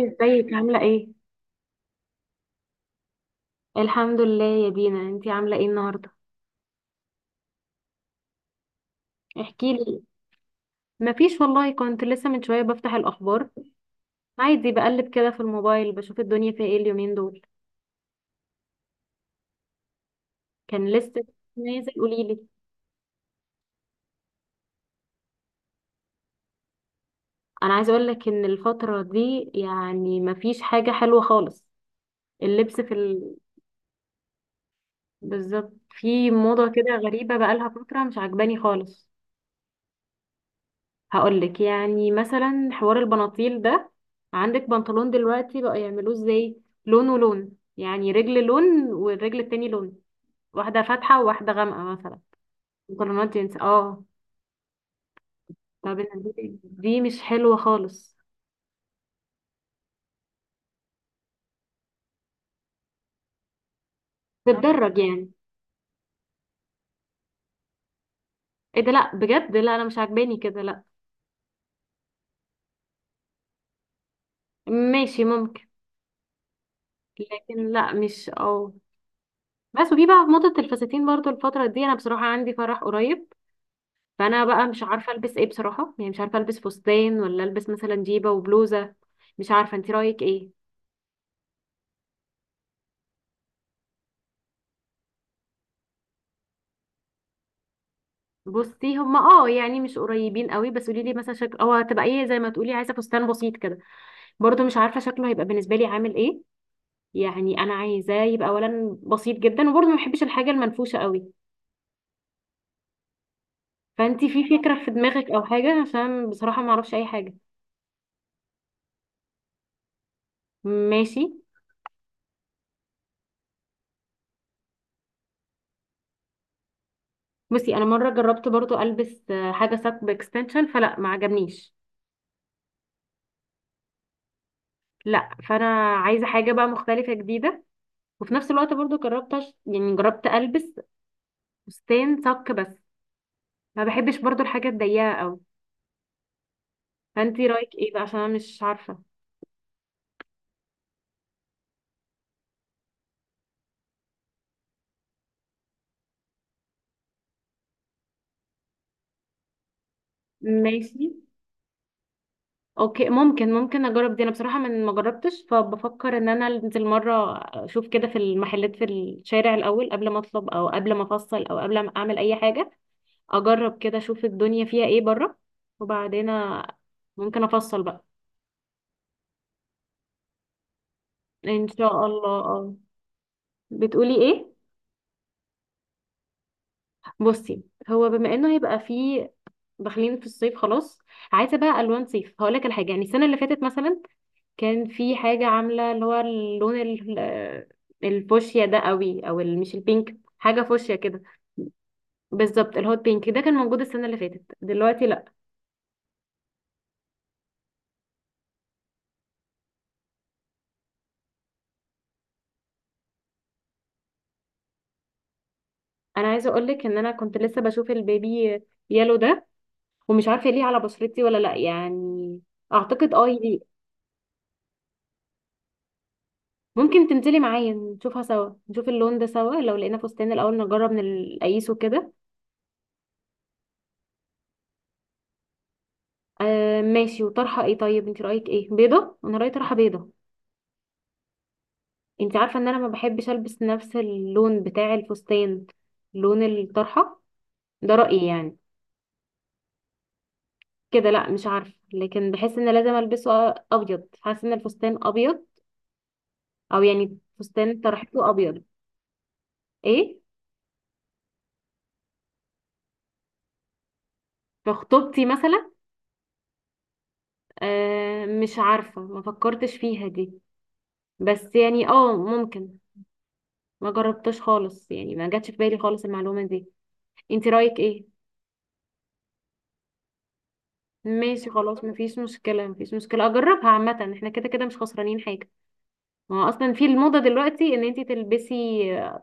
ازيك عاملة ايه؟ الحمد لله يا دينا، انتي عاملة ايه النهاردة؟ احكيلي. مفيش والله، كنت لسه من شوية بفتح الأخبار. عادي بقلب كده في الموبايل بشوف الدنيا فيها ايه اليومين دول. كان لسه نازل، قوليلي. أنا عايزة أقولك إن الفترة دي يعني مفيش حاجة حلوة خالص. اللبس في بالظبط في موضة كده غريبة بقالها فترة مش عجباني خالص. هقولك يعني مثلا حوار البناطيل ده. عندك بنطلون دلوقتي بقى يعملوه ازاي، لون ولون، يعني رجل لون والرجل التاني لون، واحدة فاتحة وواحدة غامقة مثلا. بنطلونات جينز اه. طب أنا دي مش حلوة خالص. بتدرج يعني. ايه ده، لا بجد، لا انا مش عاجباني كده، لا. ماشي ممكن، لكن لا مش اه. بس وفي بقى موضة الفساتين برضو الفترة دي، انا بصراحة عندي فرح قريب، فانا بقى مش عارفه البس ايه بصراحه، يعني مش عارفه البس فستان ولا البس مثلا جيبه وبلوزه. مش عارفه، انت رايك ايه؟ بصي هما اه يعني مش قريبين قوي، بس قولي لي مثلا شكل اه هتبقى ايه، زي ما تقولي عايزه فستان بسيط كده. برضو مش عارفه شكله هيبقى بالنسبه لي عامل ايه. يعني انا عايزاه يبقى اولا بسيط جدا، وبرضو ما بحبش الحاجه المنفوشه قوي. فانت في فكره في دماغك او حاجه، عشان بصراحه ما اعرفش اي حاجه. ماشي. بصي، انا مره جربت برضو البس حاجه ساب اكستنشن فلا ما عجبنيش. لا فانا عايزه حاجه بقى مختلفه جديده. وفي نفس الوقت برضو جربت يعني جربت البس فستان صك بس، ما بحبش برضو الحاجه الضيقه قوي. فانتي رايك ايه بقى، عشان انا مش عارفه. ماشي اوكي، ممكن اجرب دي. انا بصراحه من ما جربتش، فبفكر ان انا انزل مره اشوف كده في المحلات في الشارع الاول، قبل ما اطلب او قبل ما افصل او قبل ما اعمل اي حاجه. اجرب كده اشوف الدنيا فيها ايه بره، وبعدين أ- ممكن افصل بقى. ان شاء الله اه. بتقولي ايه؟ بصي، هو بما انه هيبقى فيه داخلين في الصيف خلاص، عايزه بقى الوان صيف. هقول لك الحاجه يعني السنه اللي فاتت مثلا، كان في حاجه عامله اللي هو اللون الفوشيا ده قوي، او مش البينك، حاجه فوشيا كده. بالظبط، الهوت بينك ده كان موجود السنه اللي فاتت، دلوقتي لا. انا عايزه اقول لك ان انا كنت لسه بشوف البيبي يالو ده، ومش عارفه ليه على بشرتي ولا لا يعني. اعتقد اه يليق. ممكن تنزلي معايا نشوفها سوا، نشوف اللون ده سوا، لو لقينا فستان الاول نجرب نقيسه كده. آه ماشي، وطرحه ايه طيب؟ انت رايك ايه، بيضه؟ انا رايي طرحه بيضه. انت عارفه ان انا ما بحبش البس نفس اللون بتاع الفستان، لون الطرحه. ده رايي يعني. كده لا مش عارفه، لكن بحس ان لازم البسه ابيض، حاسه ان الفستان ابيض، او يعني فستان طرحته ابيض. ايه؟ في خطوبتي مثلا؟ آه مش عارفه، ما فكرتش فيها دي. بس يعني اه ممكن. ما جربتش خالص يعني، ما جاتش في بالي خالص المعلومه دي. انت رايك ايه؟ ماشي خلاص، مفيش مشكلة مفيش مشكلة، اجربها عامة، احنا كده كده مش خسرانين حاجة. ما هو اصلا في الموضة دلوقتي ان انتي تلبسي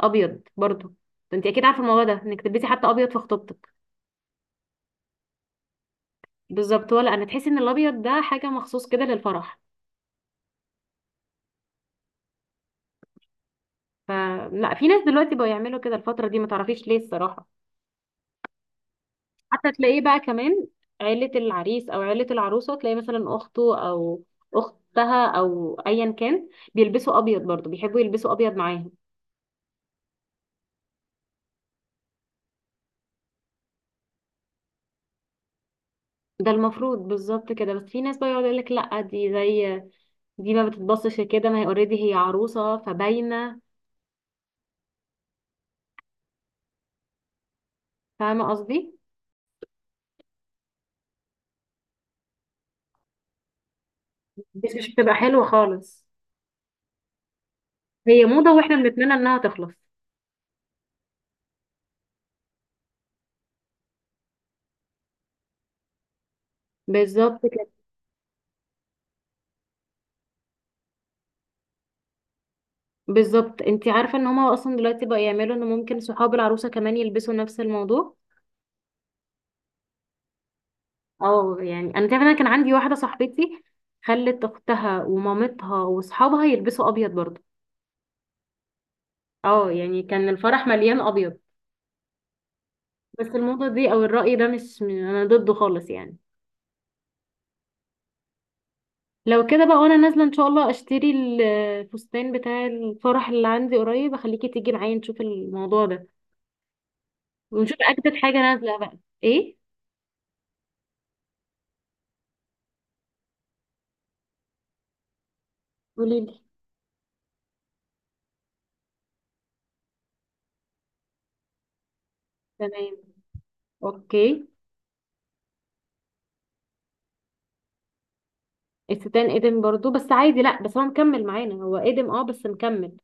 ابيض برضو. انتي اكيد عارفة الموضوع ده، انك تلبسي حتى ابيض في خطوبتك. بالظبط، ولا انا تحسي ان الابيض ده حاجة مخصوص كده للفرح. فلا، في ناس دلوقتي بقوا يعملوا كده الفترة دي، ما تعرفيش ليه الصراحة. حتى تلاقيه بقى كمان، عيلة العريس او عيلة العروسة تلاقي مثلا اخته او اختها او ايا كان بيلبسوا ابيض برضو، بيحبوا يلبسوا ابيض معاهم. ده المفروض بالظبط كده، بس في ناس بقى يقعد يقول لك لا دي زي دي، ما بتتبصش كده، ما هي اوريدي هي عروسه فباينه. فاهمه قصدي. دي مش بتبقى حلوة خالص. هي موضة واحنا بنتمنى انها تخلص. بالظبط كده. بالظبط، انت عارفه ان هما اصلا دلوقتي بقى يعملوا ان ممكن صحاب العروسه كمان يلبسوا نفس الموضوع. اه يعني انا تعرف، انا كان عندي واحدة صاحبتي خلت اختها ومامتها واصحابها يلبسوا ابيض برضه. اه يعني كان الفرح مليان ابيض. بس الموضة دي او الرأي ده مش انا ضده خالص يعني. لو كده بقى وانا نازلة ان شاء الله اشتري الفستان بتاع الفرح اللي عندي قريب، اخليكي تيجي معايا نشوف الموضوع ده، ونشوف اجدد حاجة نازلة بقى. ايه؟ قوليلي. تمام، اوكي. الستان ادم برضو، بس عادي، لا بس هو مكمل معانا، هو ادم اه بس مكمل.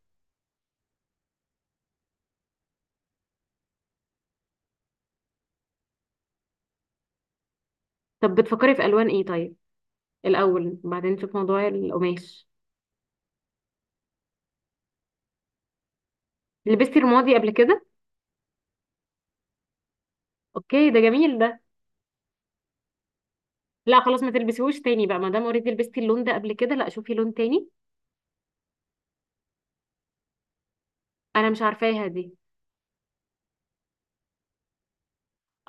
طب بتفكري في الوان ايه طيب، الاول بعدين نشوف موضوع القماش. لبستي رمادي قبل كده؟ اوكي ده جميل ده. لا خلاص ما تلبسيهوش تاني بقى، ما دام اوريدي لبستي اللون ده قبل كده، لا شوفي لون تاني. انا مش عارفاها دي.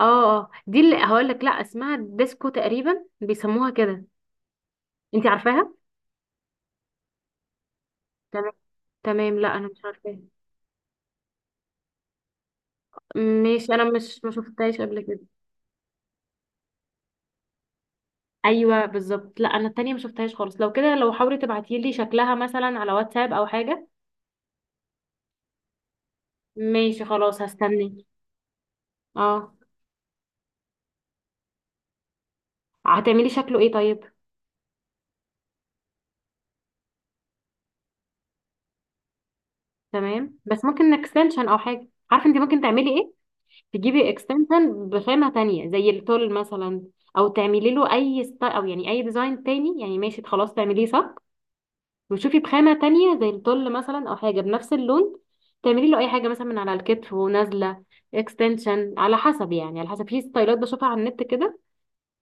اه. اه دي اللي هقول لك، لا اسمها ديسكو تقريبا، بيسموها كده. انت عارفاها؟ تمام، تمام، لا انا مش عارفاها. ماشي انا مش، ما شفتهاش قبل كده. ايوه بالظبط، لا انا التانية ما شفتهاش خالص. لو كده، لو حاولي تبعتي لي شكلها مثلا على واتساب او حاجه. ماشي خلاص، هستناك. اه. هتعملي شكله ايه طيب؟ تمام، بس ممكن اكستنشن او حاجه، عارفه انت ممكن تعملي ايه، تجيبي اكستنشن بخامة تانية زي التول مثلا، او تعملي له او يعني اي ديزاين تاني. يعني ماشي خلاص، تعمليه صك، وتشوفي بخامة تانية زي التول مثلا، او حاجة بنفس اللون. تعملي له اي حاجة مثلا من على الكتف ونازلة اكستنشن، على حسب، يعني على حسب، في ستايلات بشوفها على النت كده.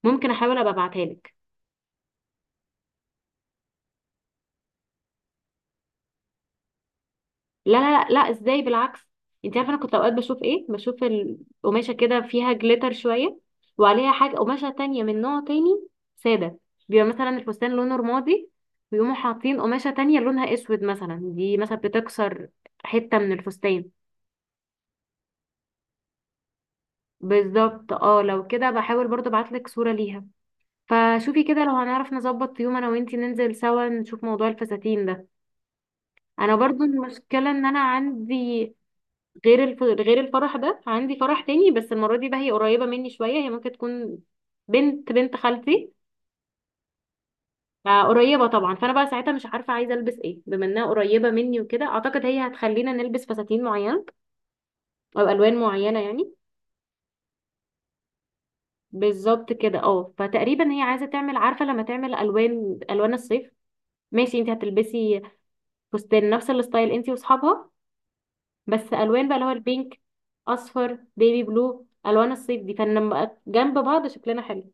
ممكن احاول ابقى ابعتها لك. لا لا لا، ازاي، بالعكس. انت عارفه، انا كنت اوقات بشوف ايه، بشوف قماشه كده فيها جليتر شويه، وعليها حاجه قماشه تانية من نوع تاني ساده. بيبقى مثلا الفستان لونه رمادي، ويقوموا حاطين قماشه تانية لونها اسود مثلا، دي مثلا بتكسر حته من الفستان. بالظبط اه، لو كده بحاول برضه ابعتلك صوره ليها. فشوفي كده لو هنعرف نظبط يوم انا وانتي ننزل سوا نشوف موضوع الفساتين ده. انا برضو المشكله ان انا عندي غير الفرح ده، عندي فرح تاني، بس المرة دي بقى هي قريبة مني شوية، هي ممكن تكون بنت بنت خالتي، فقريبة طبعا. فأنا بقى ساعتها مش عارفة عايزة ألبس ايه، بما إنها قريبة مني وكده، أعتقد هي هتخلينا نلبس فساتين معينة أو ألوان معينة يعني. بالظبط كده اه، فتقريبا هي عايزة تعمل، عارفة لما تعمل ألوان، ألوان الصيف. ماشي انت هتلبسي فستان نفس الستايل انت واصحابها، بس ألوان بقى، اللي هو البينك، أصفر، بيبي بلو، ألوان الصيف دي، فلما بقى جنب بعض شكلنا حلو.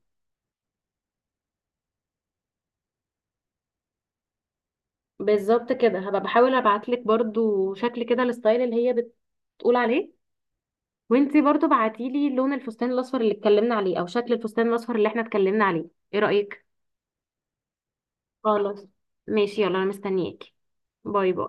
بالظبط كده. هبقى بحاول ابعتلك برضو شكل كده الستايل اللي هي بتقول عليه، وانتي برضو بعتيلي لون الفستان الاصفر اللي اتكلمنا عليه او شكل الفستان الاصفر اللي احنا اتكلمنا عليه. ايه رأيك؟ خلاص ماشي، يلا انا مستنياكي. باي باي.